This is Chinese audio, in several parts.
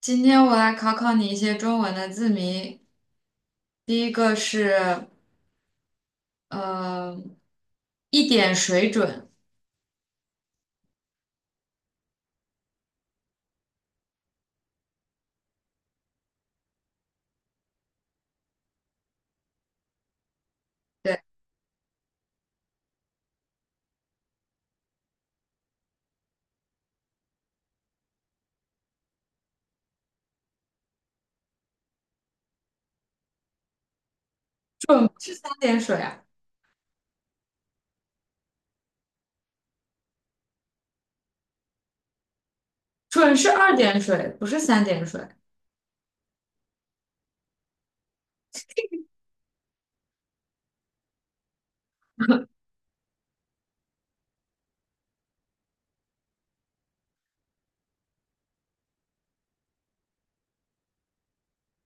今天我来考考你一些中文的字谜。第一个是，呃，一点水准，对，准不是三点水啊，准是二点水，不是三点水，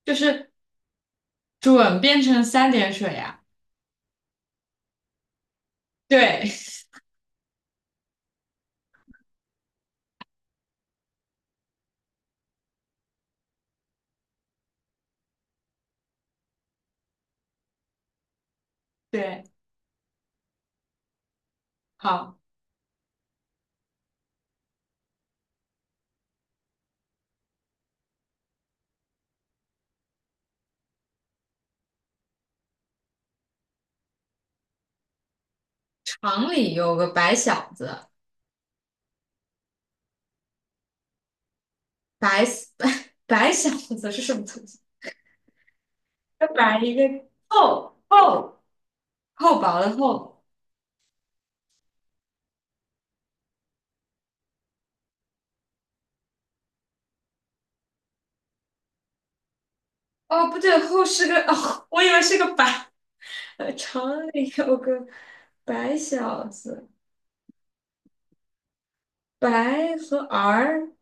就是准变成三点水呀、对 对，好，厂里有个白小子，白 白小子是什么东西？一个白一个厚厚厚薄的厚。哦，不对，厚是个哦，我以为是个白。厂里有个白小子，白和儿，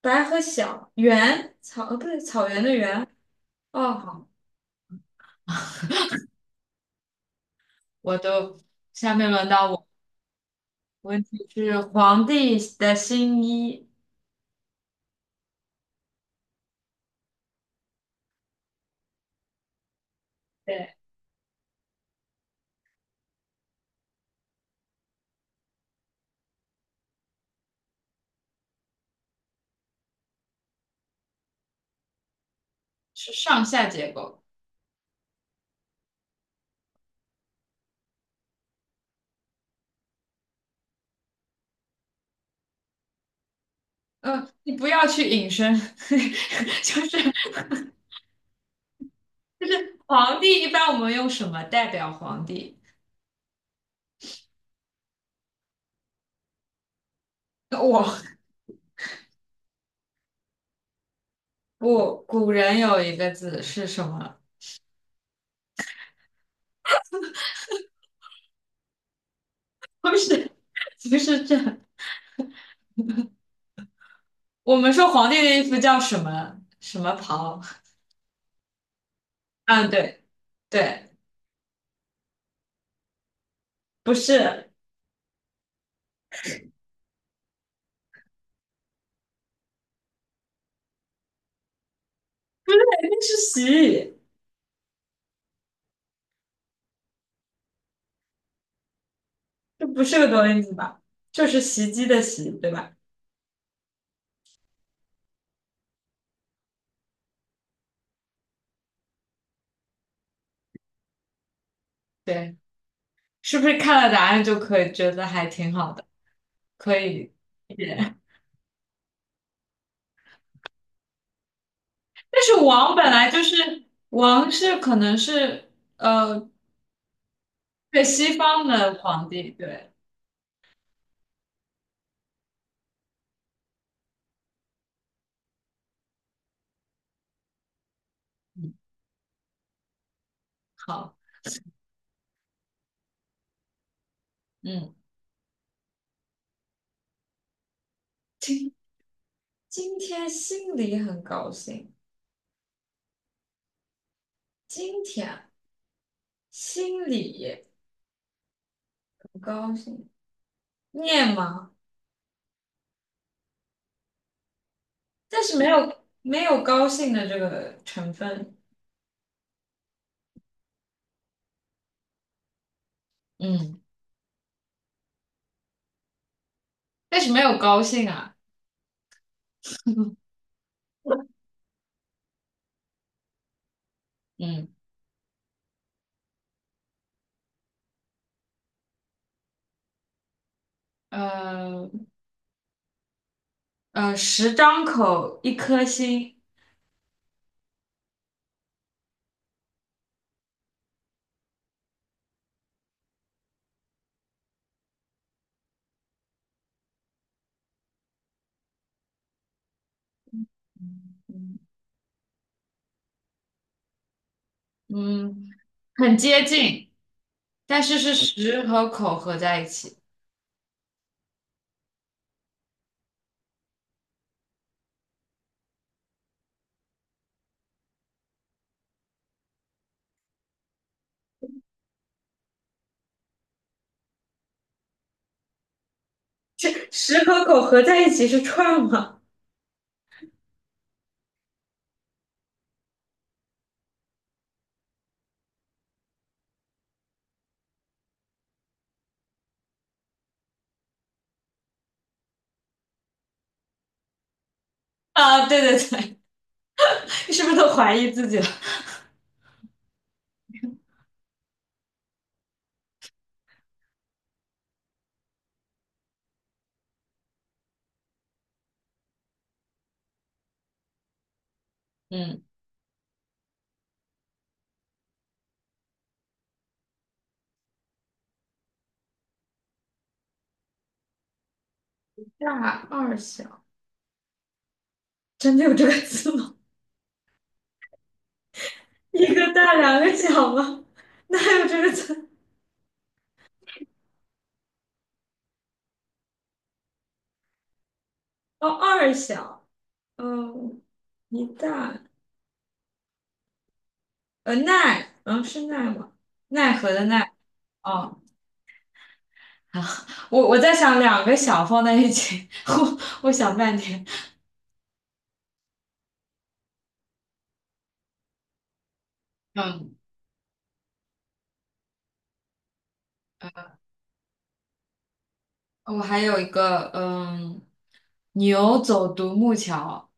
白和小圆草，不对，草原的原。哦，好，我都，下面轮到我。问题是皇帝的新衣，对，是上下结构。你不要去引申，就是皇帝一般我们用什么代表皇帝？我不，古人有一个字是什么？不是，不是这。我们说皇帝的衣服叫什么什么袍？嗯，对对，不是，肯定是洗。这不是个多音字吧？就是袭击的袭，对吧？对，是不是看了答案就可以觉得还挺好的，可以一点？但是王本来就是王是可能是呃对西方的皇帝，对，嗯，好，嗯，今今天心里很高兴，今天心里很高兴。念吗？但是没有高兴的这个成分，嗯，但是没有高兴啊，嗯呃，十张口一颗心，嗯，嗯，很接近，但是十和口合在一起，十和口合在一起是串吗？啊，对对对，是不是都怀疑自己了？嗯，大二小，真的有这个字吗？一个大，两个小吗？哪有这个字？哦，二小。嗯，一大奈，嗯是奈吗？奈何的奈。哦，好，我在想两个小放在一起，我想半天。嗯，我还有一个，嗯，牛走独木桥，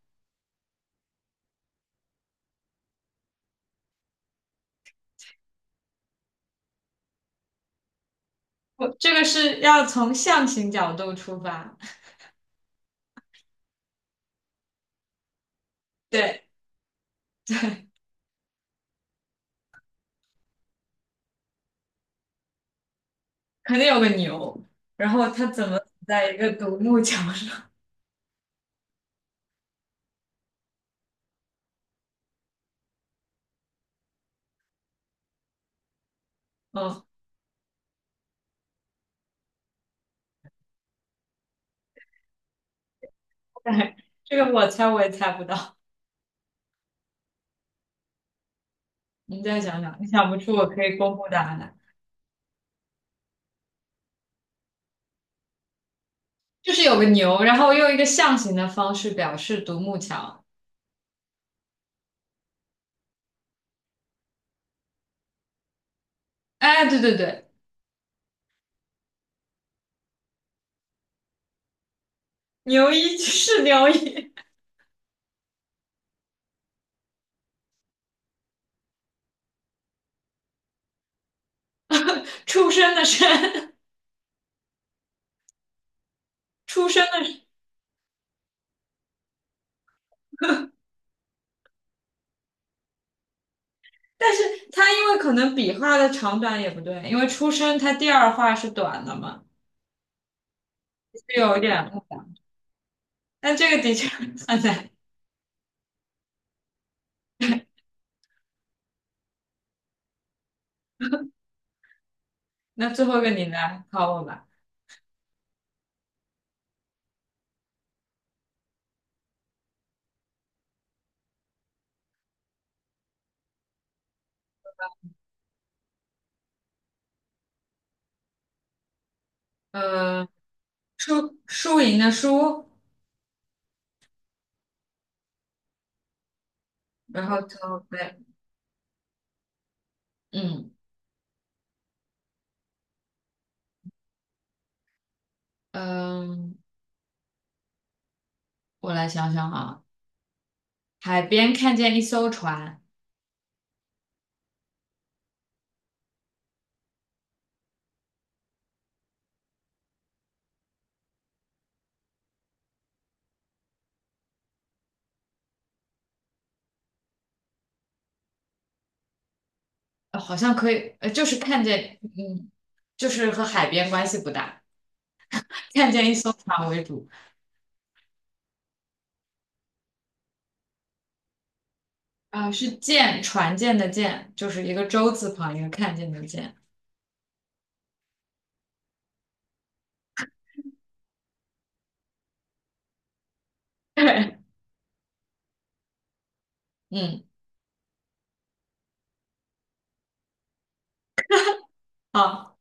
我这个是要从象形角度出发，对，肯定有个牛，然后它怎么在一个独木桥上？嗯，对，这个我猜我也猜不到，你再想想，你想不出，我可以公布答案。就是有个牛，然后用一个象形的方式表示独木桥。哎，对对对，牛一 是牛一，出生的生，出生的生。但是它因为可能笔画的长短也不对，因为出生它第二画是短的嘛，就有一点。但这个的确很难。那最后一个你来考我吧。呃，输赢的输，然后头对，嗯嗯，我来想想啊，海边看见一艘船。好像可以，就是看见，嗯，就是和海边关系不大，看见一艘船为主，啊、是舰，船舰的舰，就是一个舟字旁一个看见的见，对嗯，好。